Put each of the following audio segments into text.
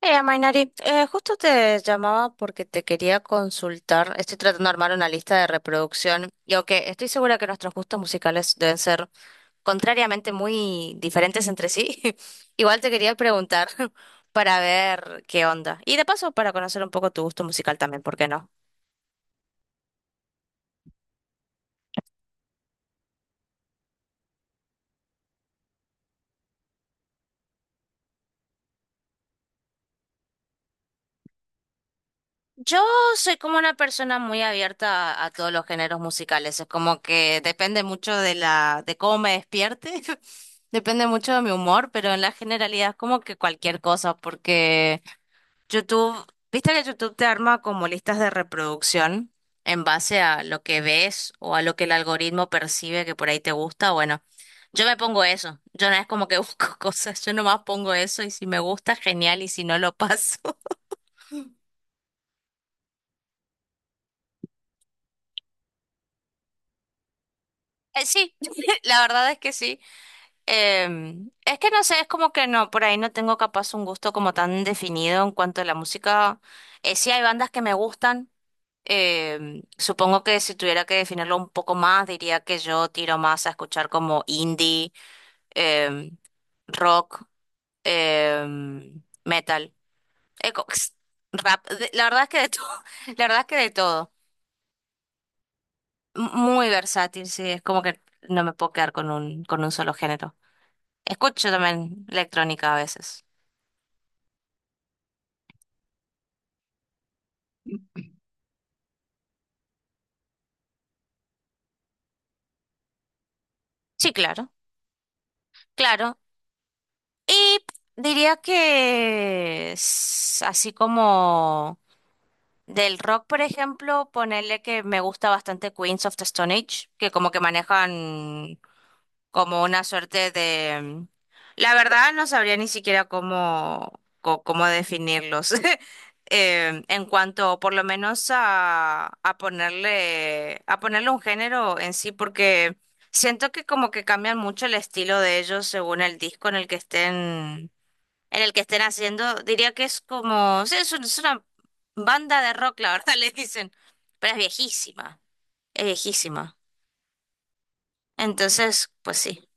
Mainari, justo te llamaba porque te quería consultar. Estoy tratando de armar una lista de reproducción y aunque estoy segura que nuestros gustos musicales deben ser contrariamente muy diferentes entre sí, igual te quería preguntar para ver qué onda. Y de paso para conocer un poco tu gusto musical también, ¿por qué no? Yo soy como una persona muy abierta a todos los géneros musicales. Es como que depende mucho de la, de cómo me despierte, depende mucho de mi humor, pero en la generalidad es como que cualquier cosa, porque YouTube, viste que YouTube te arma como listas de reproducción en base a lo que ves o a lo que el algoritmo percibe que por ahí te gusta. Bueno, yo me pongo eso. Yo no es como que busco cosas, yo nomás pongo eso y si me gusta, genial, y si no, lo paso. Sí, la verdad es que sí. Es que no sé, es como que no, por ahí no tengo capaz un gusto como tan definido en cuanto a la música. Sí hay bandas que me gustan. Supongo que si tuviera que definirlo un poco más, diría que yo tiro más a escuchar como indie, em, rock, metal, eh, co- rap. La verdad es que de todo, la verdad es que de todo. Muy versátil, sí, es como que no me puedo quedar con un solo género. Escucho también electrónica a veces. Sí, claro, claro. Y diría que así como del rock, por ejemplo, ponerle que me gusta bastante Queens of the Stone Age, que como que manejan como una suerte de... La verdad no sabría ni siquiera cómo, cómo definirlos. En cuanto por lo menos a ponerle un género en sí, porque siento que como que cambian mucho el estilo de ellos según el disco en el que estén, en el que estén haciendo. Diría que es como, sí, es una banda de rock, la verdad, le dicen, pero es viejísima, es viejísima. Entonces, pues sí.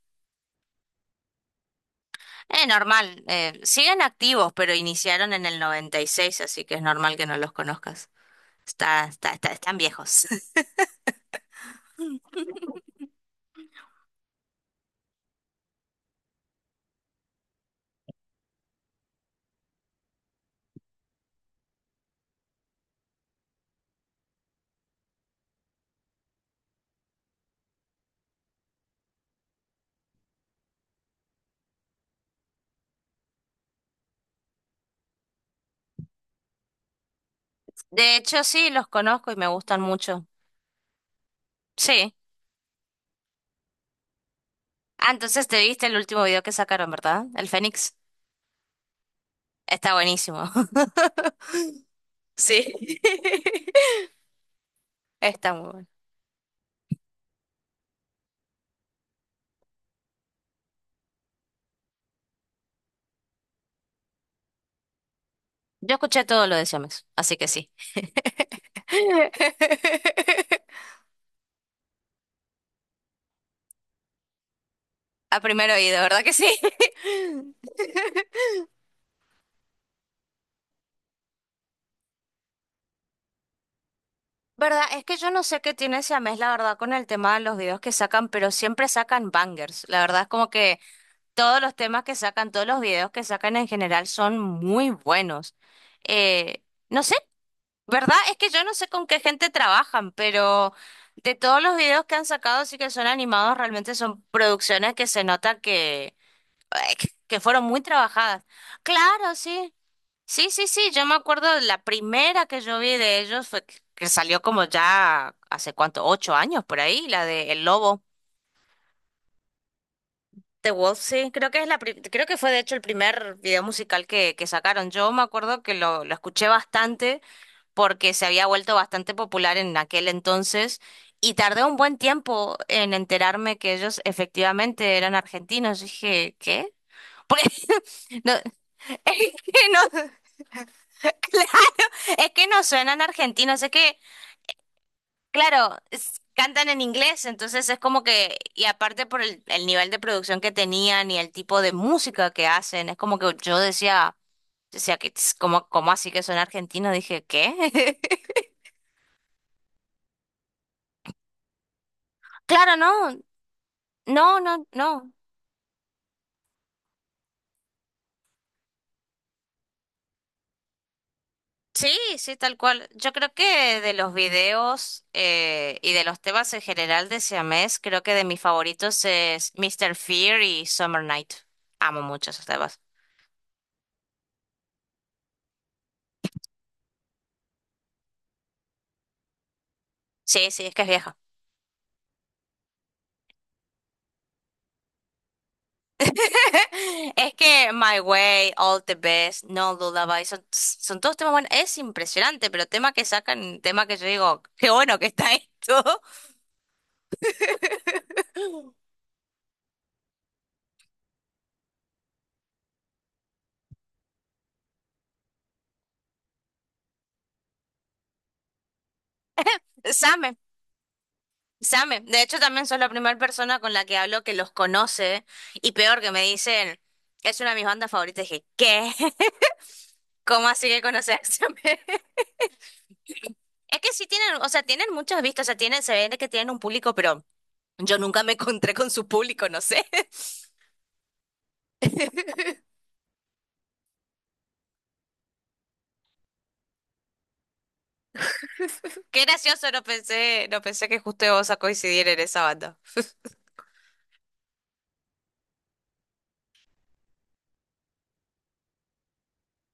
Normal. Siguen activos, pero iniciaron en el 96, así que es normal que no los conozcas. Están viejos. De hecho, sí, los conozco y me gustan mucho. Sí. Ah, entonces te viste el último video que sacaron, ¿verdad? El Fénix. Está buenísimo. Sí. Está muy bueno. Yo escuché todo lo de Siamex, así que sí. A primer oído, ¿verdad que sí? ¿Verdad? Es que yo no sé qué tiene Siamés, la verdad, con el tema de los videos que sacan, pero siempre sacan bangers. La verdad es como que todos los temas que sacan, todos los videos que sacan en general son muy buenos. Eh, no sé, ¿verdad? Es que yo no sé con qué gente trabajan, pero de todos los videos que han sacado, sí que son animados, realmente son producciones que se nota que, que fueron muy trabajadas. Claro, sí. Sí, sí, sí, yo me acuerdo de la primera que yo vi de ellos fue que salió como ya hace cuánto, 8 años por ahí, la de El Lobo. The Wolf, sí, creo que es creo que fue de hecho el primer video musical que sacaron. Yo me acuerdo que lo escuché bastante porque se había vuelto bastante popular en aquel entonces y tardé un buen tiempo en enterarme que ellos efectivamente eran argentinos. Dije, ¿qué? ¿Por qué? Es que no, claro, es que no suenan argentinos, es que, claro, cantan en inglés, entonces es como que, y aparte por el nivel de producción que tenían y el tipo de música que hacen, es como que yo decía, decía que, como, como así que son argentinos? Dije, ¿qué? Claro, no, no, no, no. Sí, sí, tal cual. Yo creo que de los videos y de los temas en general de Siamés, creo que de mis favoritos es Mr. Fear y Summer Night. Amo mucho esos temas. Sí, sí, es que es vieja. Es que My Way, All the Best, No Lullaby, son, son todos temas buenos. Es impresionante, pero tema que sacan, tema que yo digo, qué bueno que está esto. Sam Same, de hecho también sos la primera persona con la que hablo que los conoce y peor que me dicen, es una de mis bandas favoritas. Dije, ¿qué? ¿Cómo así que conoces a Same? Es que sí tienen, o sea, tienen muchas vistas, o sea, tienen, se ve que tienen un público, pero yo nunca me encontré con su público, no sé. Qué gracioso, no pensé que justo vos a coincidir en esa banda.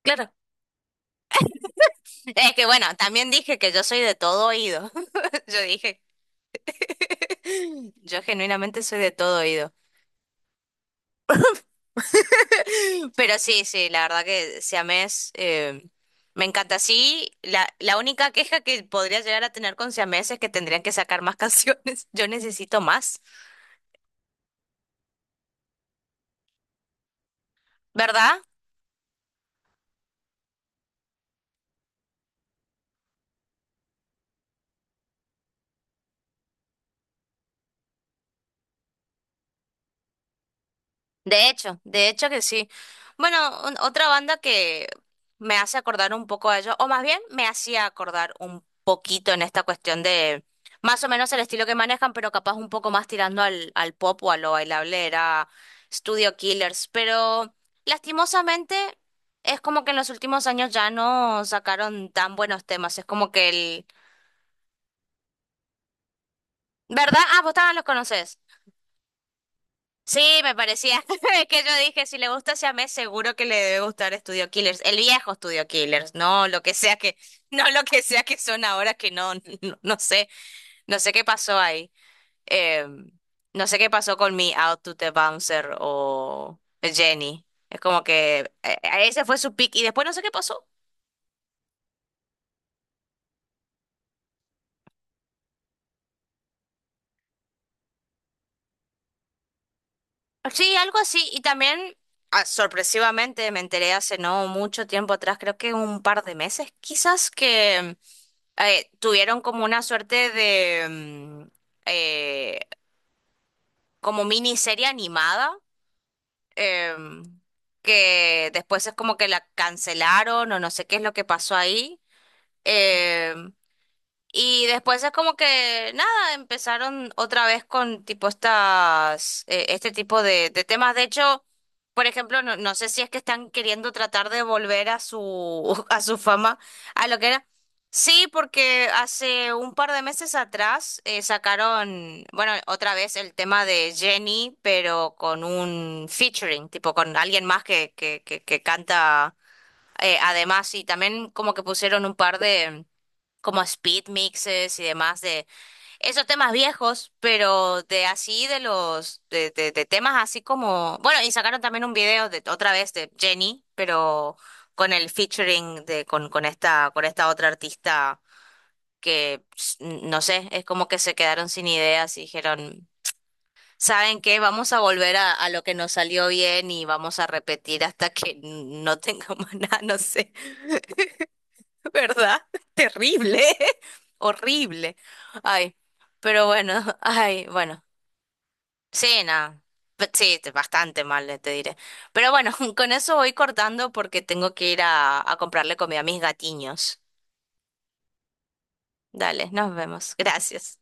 Claro, es que bueno, también dije que yo soy de todo oído. Yo dije, yo genuinamente soy de todo oído. Pero sí, sí, la verdad que si siamés me encanta. Sí, la única queja que podría llegar a tener con siamés es que tendrían que sacar más canciones. Yo necesito más, ¿verdad? De hecho que sí. Bueno, otra banda que me hace acordar un poco a ellos, o más bien me hacía acordar un poquito en esta cuestión de más o menos el estilo que manejan, pero capaz un poco más tirando al pop o a lo bailable, era Studio Killers. Pero lastimosamente es como que en los últimos años ya no sacaron tan buenos temas. Es como que el... ¿Verdad? Ah, vos también los conocés. Sí, me parecía. Es que yo dije, si le gusta Siamés, seguro que le debe gustar Studio Killers. El viejo Studio Killers, no lo que sea que, no lo que sea que son ahora, que no, no, no sé qué pasó ahí. Eh, no sé qué pasó con mi Out to the Bouncer o Jenny. Es como que ese fue su pick y después no sé qué pasó. Sí, algo así. Y también, ah, sorpresivamente, me enteré hace no mucho tiempo atrás, creo que un par de meses, quizás, que tuvieron como una suerte de eh, como miniserie animada, em, que después es como que la cancelaron o no sé qué es lo que pasó ahí. em, y después es como que nada, empezaron otra vez con tipo estas, este tipo de temas. De hecho, por ejemplo, no, no sé si es que están queriendo tratar de volver a su, a su fama, a lo que era. Sí, porque hace un par de meses atrás sacaron, bueno, otra vez el tema de Jenny, pero con un featuring, tipo con alguien más que canta además, y también como que pusieron un par de como speed mixes y demás de esos temas viejos, pero de así de los de temas así como, bueno, y sacaron también un video de otra vez de Jenny, pero con el featuring de con esta con esta otra artista que no sé, es como que se quedaron sin ideas y dijeron, ¿saben qué? Vamos a volver a lo que nos salió bien y vamos a repetir hasta que no tengamos nada, no sé. ¿Verdad? Terrible, horrible. Ay, pero bueno, ay, bueno. Sí, nada. Sí, bastante mal, te diré. Pero bueno, con eso voy cortando porque tengo que ir a comprarle comida a mis gatiños. Dale, nos vemos. Gracias.